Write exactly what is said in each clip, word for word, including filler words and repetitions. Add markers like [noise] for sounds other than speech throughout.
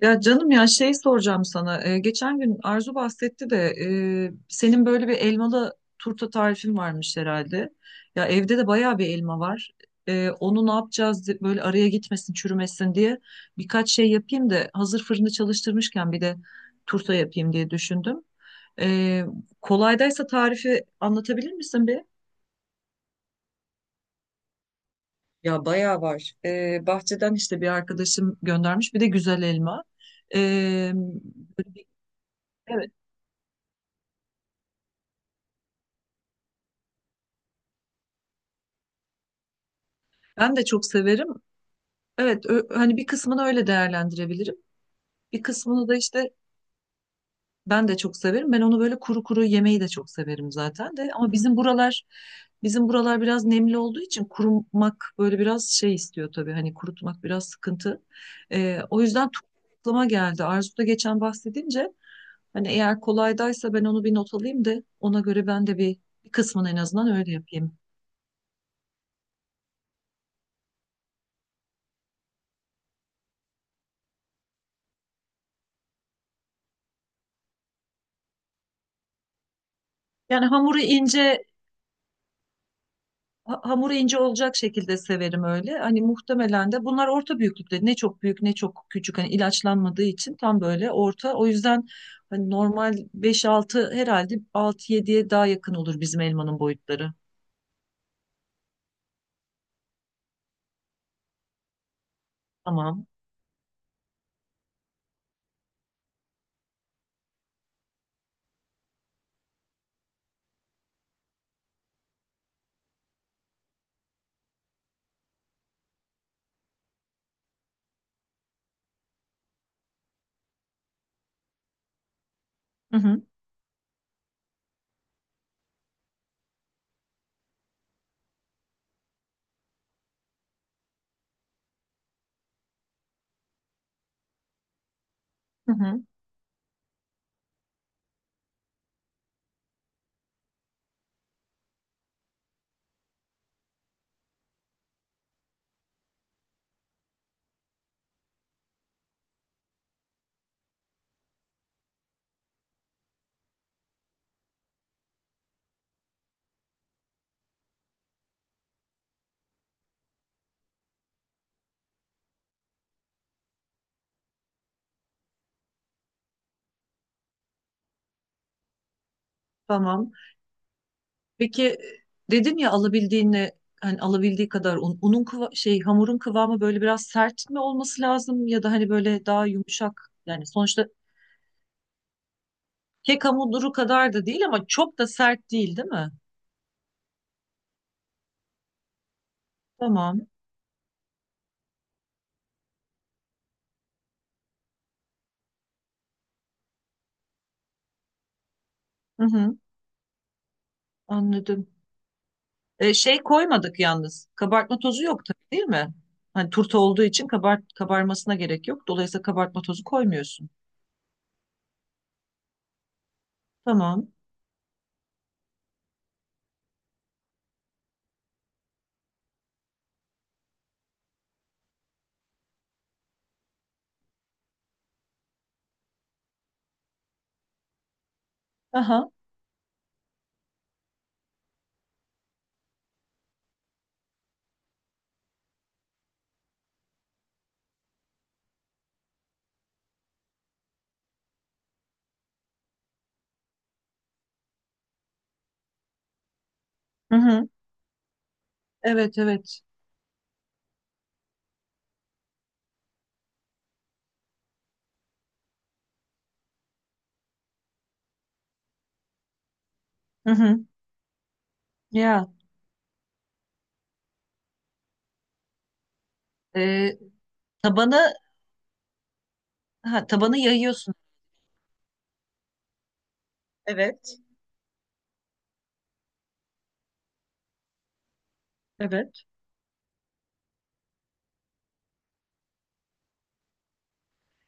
Ya canım ya şey soracağım sana. Ee, geçen gün Arzu bahsetti de e, senin böyle bir elmalı turta tarifin varmış herhalde. Ya evde de bayağı bir elma var. Ee, onu ne yapacağız de- böyle araya gitmesin, çürümesin diye birkaç şey yapayım da hazır fırını çalıştırmışken bir de turta yapayım diye düşündüm. Ee, kolaydaysa tarifi anlatabilir misin bir? Ya bayağı var. Ee, bahçeden işte bir arkadaşım göndermiş bir de güzel elma. Ee, böyle bir- Ben de çok severim. Evet, ö- hani bir kısmını öyle değerlendirebilirim. Bir kısmını da işte ben de çok severim. Ben onu böyle kuru kuru yemeyi de çok severim zaten de. Ama bizim buralar bizim buralar biraz nemli olduğu için kurumak böyle biraz şey istiyor tabii. Hani kurutmak biraz sıkıntı. Ee, o yüzden tu- aklıma geldi. Arzu da geçen bahsedince hani eğer kolaydaysa ben onu bir not alayım da ona göre ben de bir, bir kısmını en azından öyle yapayım. Yani hamuru ince Ha- Hamuru ince olacak şekilde severim öyle. Hani muhtemelen de bunlar orta büyüklükte. Ne çok büyük ne çok küçük. Hani ilaçlanmadığı için tam böyle orta. O yüzden hani normal beş-altı herhalde altı-yediye daha yakın olur bizim elmanın boyutları. Tamam. Hı hı. Hı hı. Tamam. Peki dedin ya alabildiğine hani alabildiği kadar un, unun kıva- şey hamurun kıvamı böyle biraz sert mi olması lazım ya da hani böyle daha yumuşak yani sonuçta kek hamuru kadar da değil ama çok da sert değil değil mi? Tamam. Hı hı, anladım. E, şey koymadık yalnız. Kabartma tozu yok tabii değil mi? Hani turta olduğu için kabart kabarmasına gerek yok. Dolayısıyla kabartma tozu koymuyorsun. Tamam. Aha. Hı hı. Evet, evet. Hı hı. Ya. E, tabanı Ha, tabanı yayıyorsun. Evet. Evet.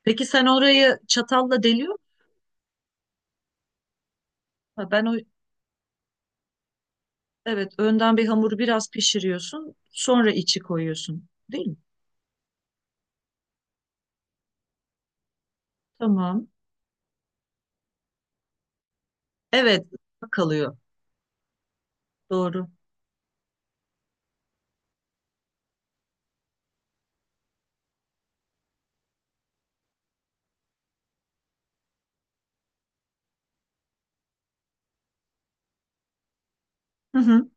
Peki sen orayı çatalla deliyor musun? Ha, ben o evet önden bir hamuru biraz pişiriyorsun. Sonra içi koyuyorsun. Değil mi? Tamam. Evet. Kalıyor. Doğru. Hı hı.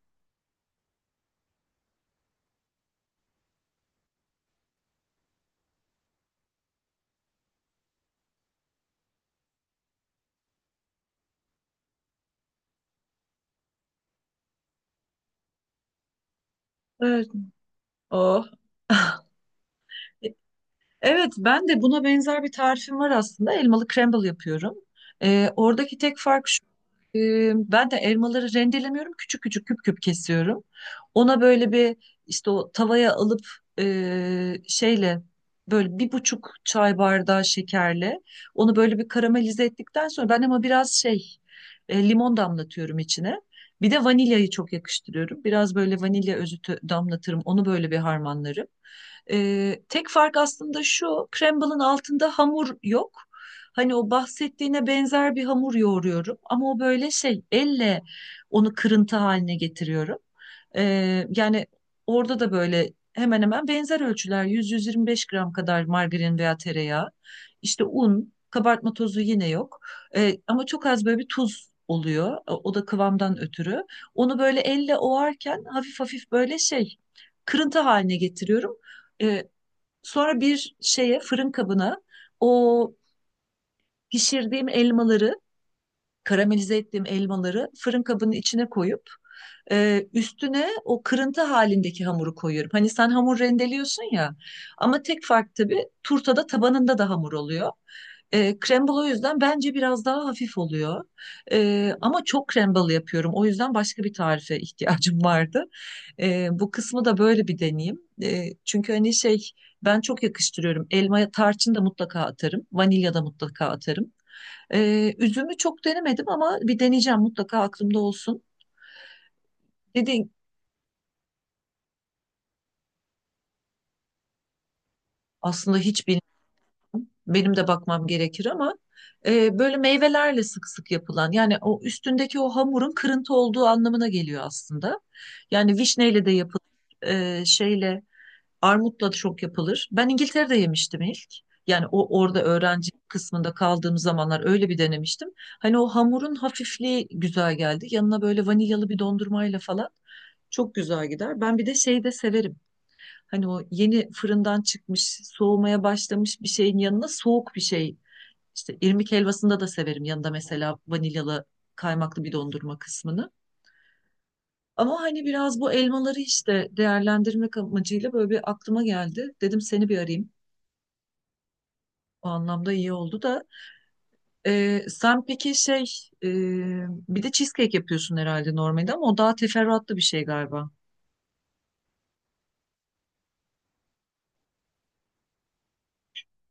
Evet. Oh. [laughs] Evet, ben de buna benzer bir tarifim var aslında. Elmalı crumble yapıyorum. Ee, oradaki tek fark şu. e, ben de elmaları rendelemiyorum. Küçük küçük küp küp kesiyorum. Ona böyle bir işte o tavaya alıp e, şeyle böyle bir buçuk çay bardağı şekerle onu böyle bir karamelize ettikten sonra ben ama biraz şey e, limon damlatıyorum içine. Bir de vanilyayı çok yakıştırıyorum. Biraz böyle vanilya özütü damlatırım. Onu böyle bir harmanlarım. Ee, tek fark aslında şu: Crumble'ın altında hamur yok. Hani o bahsettiğine benzer bir hamur yoğuruyorum ama o böyle şey, elle onu kırıntı haline getiriyorum. Ee, yani orada da böyle hemen hemen benzer ölçüler, yüz yüz yirmi beş gram kadar margarin veya tereyağı. İşte un, kabartma tozu yine yok. Ee, ama çok az böyle bir tuz oluyor. O o da kıvamdan ötürü. Onu böyle elle ovarken hafif hafif böyle şey kırıntı haline getiriyorum. E, sonra bir şeye, fırın kabına, o pişirdiğim elmaları, karamelize ettiğim elmaları fırın kabının içine koyup e, üstüne o kırıntı halindeki hamuru koyuyorum. Hani sen hamur rendeliyorsun ya, ama tek fark tabii turtada tabanında da hamur oluyor. E, crumble o yüzden bence biraz daha hafif oluyor. E, ama çok crumble yapıyorum. O yüzden başka bir tarife [laughs] ihtiyacım vardı. E, bu kısmı da böyle bir deneyeyim. E, çünkü hani şey, ben çok yakıştırıyorum. Elma tarçın da mutlaka atarım. Vanilya da mutlaka atarım. E, üzümü çok denemedim ama bir deneyeceğim mutlaka, aklımda olsun. Dediğin aslında hiç Benim de bakmam gerekir ama e, böyle meyvelerle sık sık yapılan, yani o üstündeki o hamurun kırıntı olduğu anlamına geliyor aslında. Yani vişneyle de yapılır, e, şeyle, armutla da çok yapılır. Ben İngiltere'de yemiştim ilk. Yani o orada öğrenci kısmında kaldığım zamanlar öyle bir denemiştim. Hani o hamurun hafifliği güzel geldi. Yanına böyle vanilyalı bir dondurmayla falan çok güzel gider. Ben bir de şeyi de severim. Hani o yeni fırından çıkmış, soğumaya başlamış bir şeyin yanına soğuk bir şey. İşte irmik helvasında da severim yanında, mesela vanilyalı kaymaklı bir dondurma kısmını. Ama hani biraz bu elmaları işte değerlendirmek amacıyla böyle bir aklıma geldi. Dedim seni bir arayayım. O anlamda iyi oldu da. Ee, sen peki şey, e, bir de cheesecake yapıyorsun herhalde normalde ama o daha teferruatlı bir şey galiba.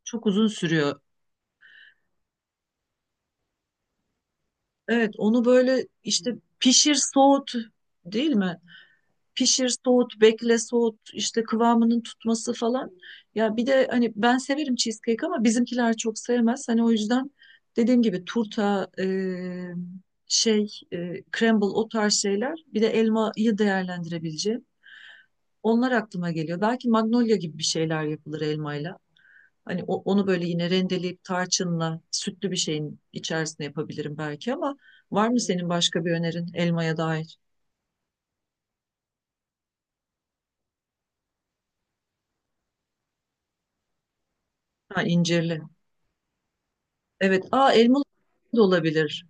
Çok uzun sürüyor. Evet, onu böyle işte pişir, soğut, değil mi? Pişir, soğut, bekle, soğut, işte kıvamının tutması falan. Ya bir de hani ben severim cheesecake ama bizimkiler çok sevmez. Hani o yüzden dediğim gibi turta, e, şey, e, crumble, o tarz şeyler. Bir de elmayı değerlendirebileceğim. Onlar aklıma geliyor. Belki magnolia gibi bir şeyler yapılır elmayla. Hani o- onu böyle yine rendeleyip tarçınla sütlü bir şeyin içerisine yapabilirim belki ama, var mı senin başka bir önerin elmaya dair? Ha, incirli. Evet. Aa, elmalı da olabilir.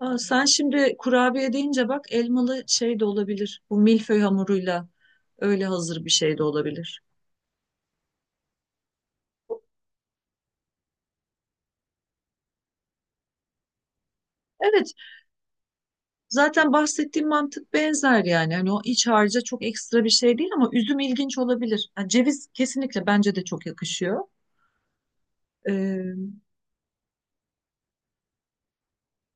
Aa, sen şimdi kurabiye deyince bak, elmalı şey de olabilir. Bu milföy hamuruyla öyle hazır bir şey de olabilir. Evet. Zaten bahsettiğim mantık benzer yani. Hani o iç harca çok ekstra bir şey değil ama üzüm ilginç olabilir. Ha, ceviz kesinlikle bence de çok yakışıyor. Ee,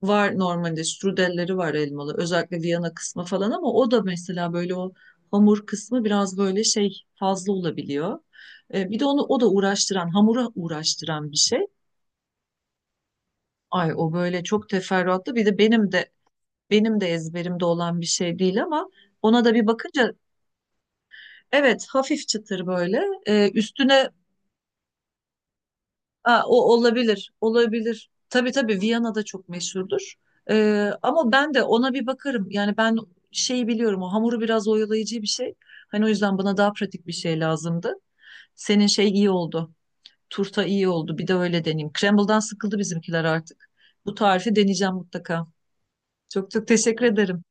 Var normalde strudelleri, var elmalı. Özellikle Viyana kısmı falan ama o da mesela böyle o hamur kısmı biraz böyle şey fazla olabiliyor. Ee, bir de onu, o da uğraştıran, hamura uğraştıran bir şey. Ay o böyle çok teferruatlı. Bir de benim de benim de ezberimde olan bir şey değil ama ona da bir bakınca, evet, hafif çıtır böyle. Ee, üstüne Aa, o olabilir, olabilir. Tabii, tabii Viyana'da çok meşhurdur. Ee, ama ben de ona bir bakarım. Yani ben şeyi biliyorum, o hamuru biraz oyalayıcı bir şey. Hani o yüzden bana daha pratik bir şey lazımdı. Senin şey iyi oldu. Turta iyi oldu. Bir de öyle deneyeyim. Crumble'dan sıkıldı bizimkiler artık. Bu tarifi deneyeceğim mutlaka. Çok çok teşekkür ederim.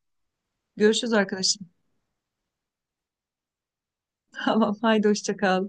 Görüşürüz arkadaşım. [laughs] Tamam, haydi hoşça kal.